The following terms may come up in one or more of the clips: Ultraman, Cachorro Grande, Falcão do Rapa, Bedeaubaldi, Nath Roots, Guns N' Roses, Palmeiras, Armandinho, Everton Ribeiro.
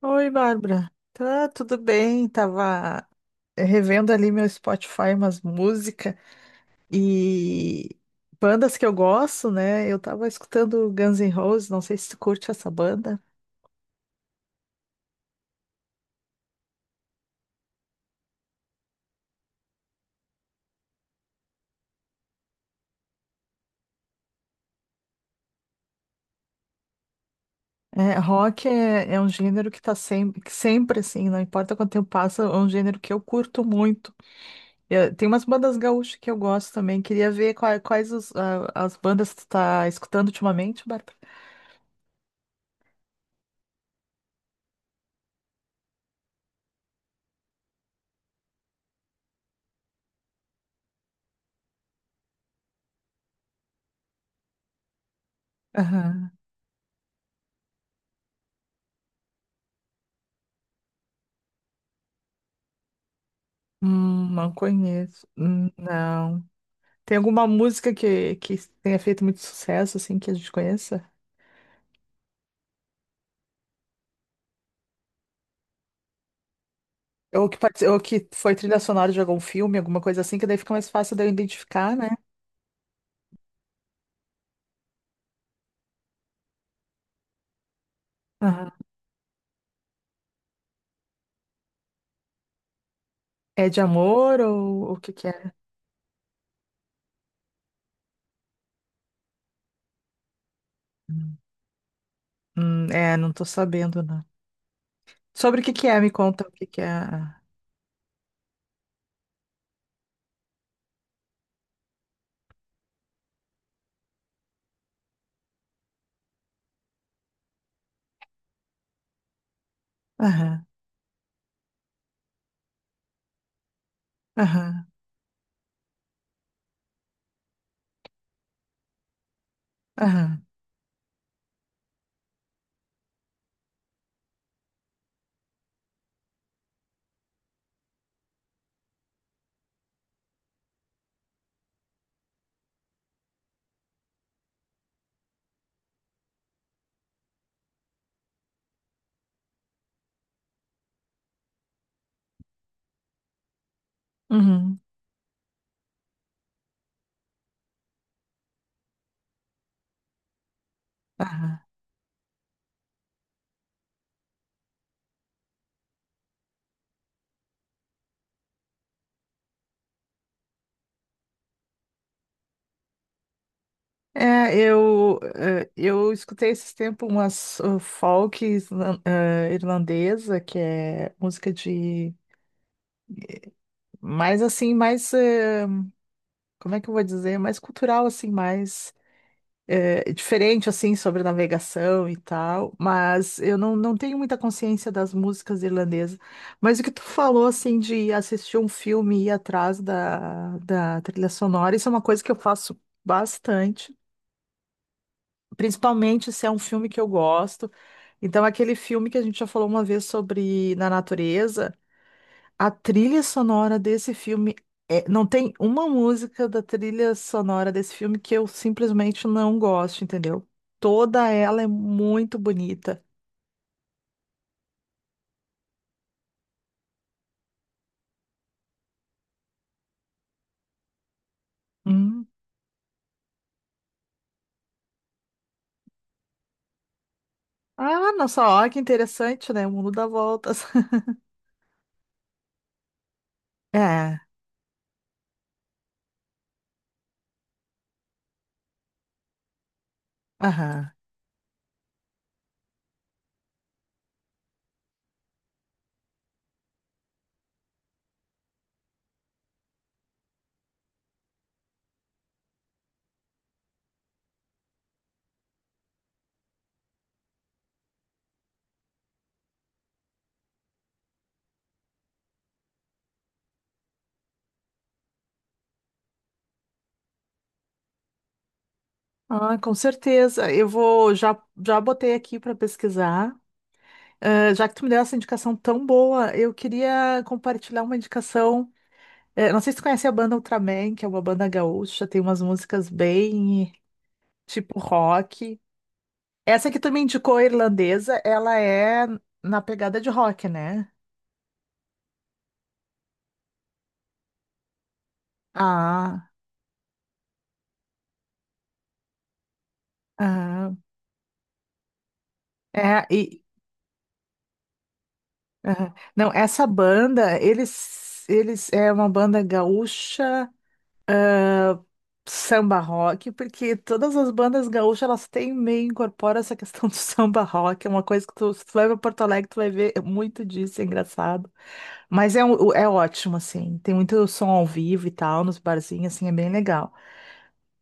Oi, Bárbara. Tá tudo bem? Tava revendo ali meu Spotify, umas músicas e bandas que eu gosto, né? Eu tava escutando Guns N' Roses, não sei se tu curte essa banda. É, rock é um gênero que sempre assim, não importa quanto tempo passa, é um gênero que eu curto muito. Tem umas bandas gaúchas que eu gosto também. Queria ver quais, as bandas que tu tá escutando ultimamente, Bárbara. Aham. Não conheço. Não. Tem alguma música que tenha feito muito sucesso, assim, que a gente conheça? Ou que foi trilha sonora de algum filme, alguma coisa assim, que daí fica mais fácil de eu identificar, né? Aham. É de amor ou o que que é? É, não tô sabendo, não. Sobre o que que é, me conta o que que é. Aham, aham, aham, uhum, aham. É, eu escutei esses tempos umas folk irlandesa, que é música de mais assim, mais como é que eu vou dizer, é mais cultural, assim, mais diferente, assim, sobre navegação e tal, mas eu não tenho muita consciência das músicas irlandesas. Mas o que tu falou, assim, de assistir um filme e ir atrás da trilha sonora, isso é uma coisa que eu faço bastante, principalmente se é um filme que eu gosto. Então, aquele filme que a gente já falou uma vez sobre na natureza. A trilha sonora desse filme não tem uma música da trilha sonora desse filme que eu simplesmente não gosto, entendeu? Toda ela é muito bonita. Hum. Ah, nossa, ó, que interessante, né? O mundo dá voltas. É, aham. Ah, com certeza. Eu vou, já, botei aqui para pesquisar. Já que tu me deu essa indicação tão boa, eu queria compartilhar uma indicação. Não sei se tu conhece a banda Ultraman, que é uma banda gaúcha, tem umas músicas bem tipo rock. Essa que tu me indicou, a irlandesa, ela é na pegada de rock, né? Ah, ah, é, e, ah, não, essa banda, eles é uma banda gaúcha samba rock, porque todas as bandas gaúchas, elas têm meio, incorpora essa questão do samba rock, é uma coisa que tu, se tu vai pra Porto Alegre, tu vai ver muito disso, é engraçado. Mas é, é ótimo, assim, tem muito som ao vivo e tal, nos barzinhos, assim, é bem legal.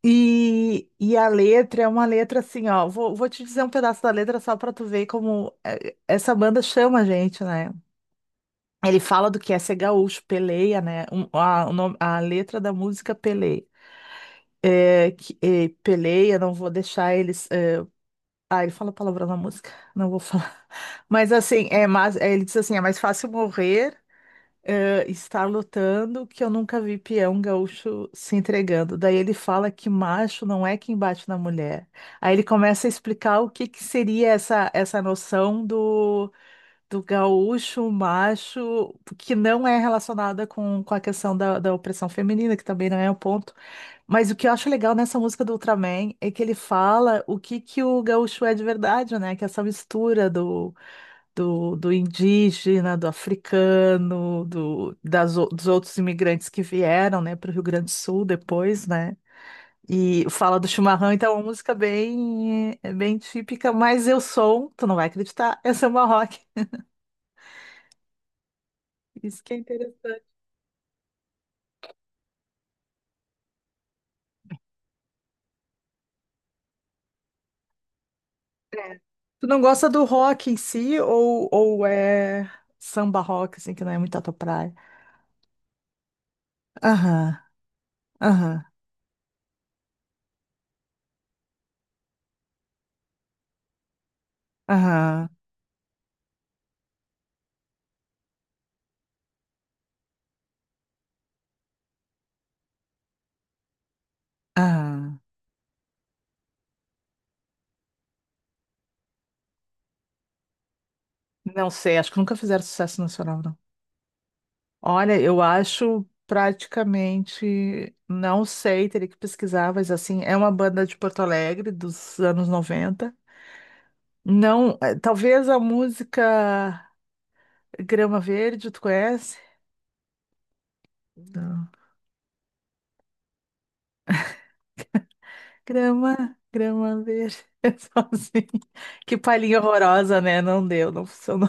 E a letra é uma letra assim, ó. Vou te dizer um pedaço da letra só pra tu ver como essa banda chama a gente, né? Ele fala do que é ser gaúcho, peleia, né? A letra da música é peleia. É, que, peleia, não vou deixar eles. Ah, ele fala palavrão na música, não vou falar. Mas assim, é mais, é, ele diz assim: é mais fácil morrer estar lutando que eu nunca vi peão gaúcho se entregando. Daí ele fala que macho não é quem bate na mulher. Aí ele começa a explicar o que que seria essa noção do gaúcho macho, que não é relacionada com a questão da opressão feminina, que também não é um ponto. Mas o que eu acho legal nessa música do Ultraman é que ele fala o que que o gaúcho é de verdade, né? Que é essa mistura do indígena, do, africano, dos outros imigrantes que vieram, né, para o Rio Grande do Sul depois, né? E fala do chimarrão, então é uma música bem, é bem típica, mas eu sou, tu não vai acreditar, eu sou uma rock. Isso que é interessante. É. Tu não gosta do rock em si ou é samba rock, assim, que não é muito a tua praia? Aham, aham, aham, aham. Não sei, acho que nunca fizeram sucesso nacional, não. Olha, eu acho praticamente, não sei, teria que pesquisar, mas assim, é uma banda de Porto Alegre dos anos 90. Não, talvez a música Grama Verde, tu conhece? Não. Grama, grama verde, sozinho. Que palhinha horrorosa, né? Não deu, não funcionou.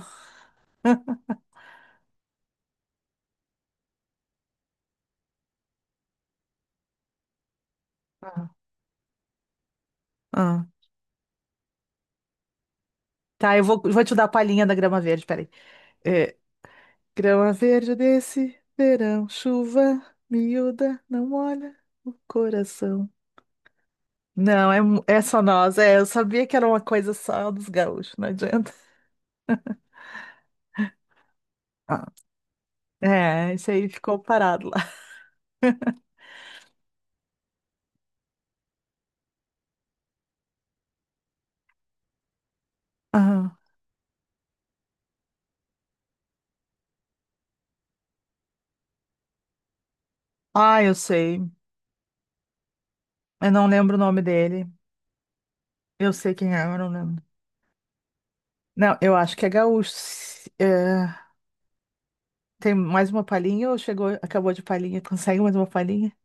Ah. Ah. Tá, eu vou te dar a palhinha da grama verde, peraí. É, grama verde desse verão, chuva miúda, não molha o coração. Não, é, é só nós. É, eu sabia que era uma coisa só dos gaúchos, não adianta. Ah, é, isso aí ficou parado lá. Ah, ah, eu sei. Eu não lembro o nome dele. Eu sei quem é, eu não lembro. Não, eu acho que é gaúcho. É, tem mais uma palhinha ou chegou, acabou de palhinha? Consegue mais uma palhinha?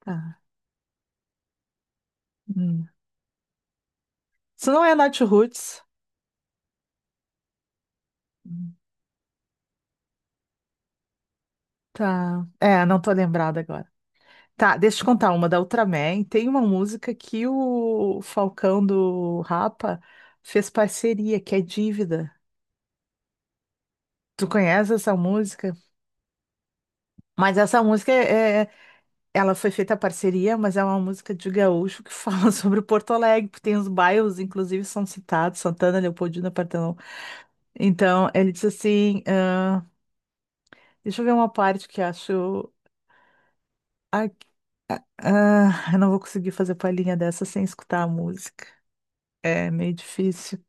Tá. Hum. Isso não é Nath Roots. Hum. Tá. É, não tô lembrada agora. Tá, deixa eu te contar uma da Ultraman. Tem uma música que o Falcão do Rapa fez parceria, que é Dívida. Tu conhece essa música? Mas essa música ela foi feita a parceria, mas é uma música de gaúcho que fala sobre Porto Alegre, porque tem os bairros, inclusive, são citados, Santana, Leopoldina, Partenon. Então, ele diz assim, ah, deixa eu ver uma parte que acho, ah, ah, eu não vou conseguir fazer palhinha dessa sem escutar a música. É meio difícil.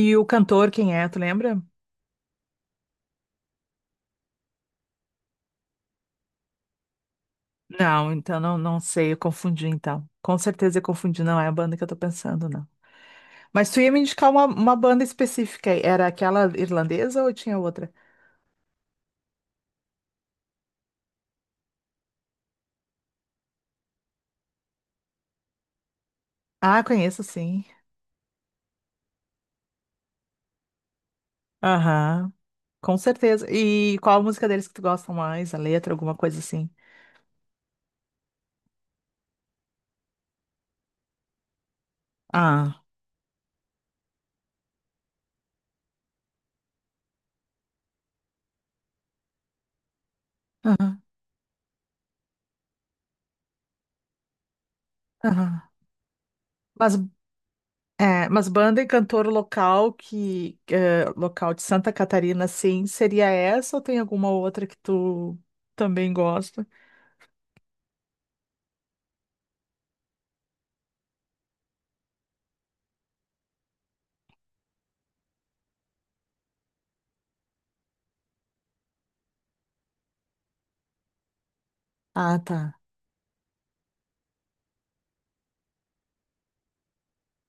E o cantor, quem é? Tu lembra? Não, então não, não sei, eu confundi então. Com certeza eu confundi, não é a banda que eu tô pensando, não. Mas tu ia me indicar uma banda específica aí. Era aquela irlandesa ou tinha outra? Ah, conheço sim. Aham, com certeza. E qual a música deles que tu gosta mais? A letra, alguma coisa assim? Ah, aham, aham. Mas, é, mas banda e cantor local que, é, local de Santa Catarina, sim, seria essa ou tem alguma outra que tu também gosta? Ah, tá.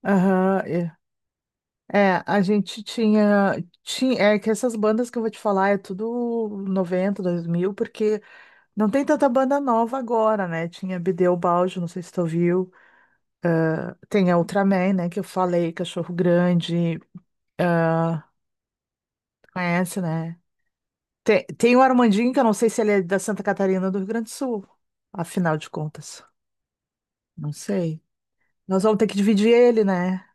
Aham, é. É, a gente tinha. É que essas bandas que eu vou te falar é tudo 90, 2000, porque não tem tanta banda nova agora, né? Tinha Bedeaubaldi, não sei se tu viu. Tem a Ultraman, né? Que eu falei, Cachorro Grande. Ah, conhece, né? Tem o Armandinho, que eu não sei se ele é da Santa Catarina ou do Rio Grande do Sul, afinal de contas. Não sei. Nós vamos ter que dividir ele, né?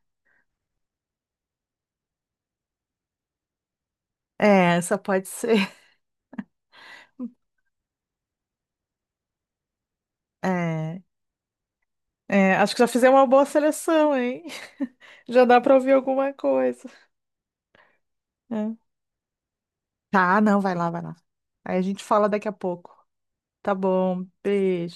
É, essa pode ser. É. É, acho que já fizemos uma boa seleção, hein? Já dá para ouvir alguma coisa. Né? Tá, não, vai lá, vai lá. Aí a gente fala daqui a pouco. Tá bom, beijo.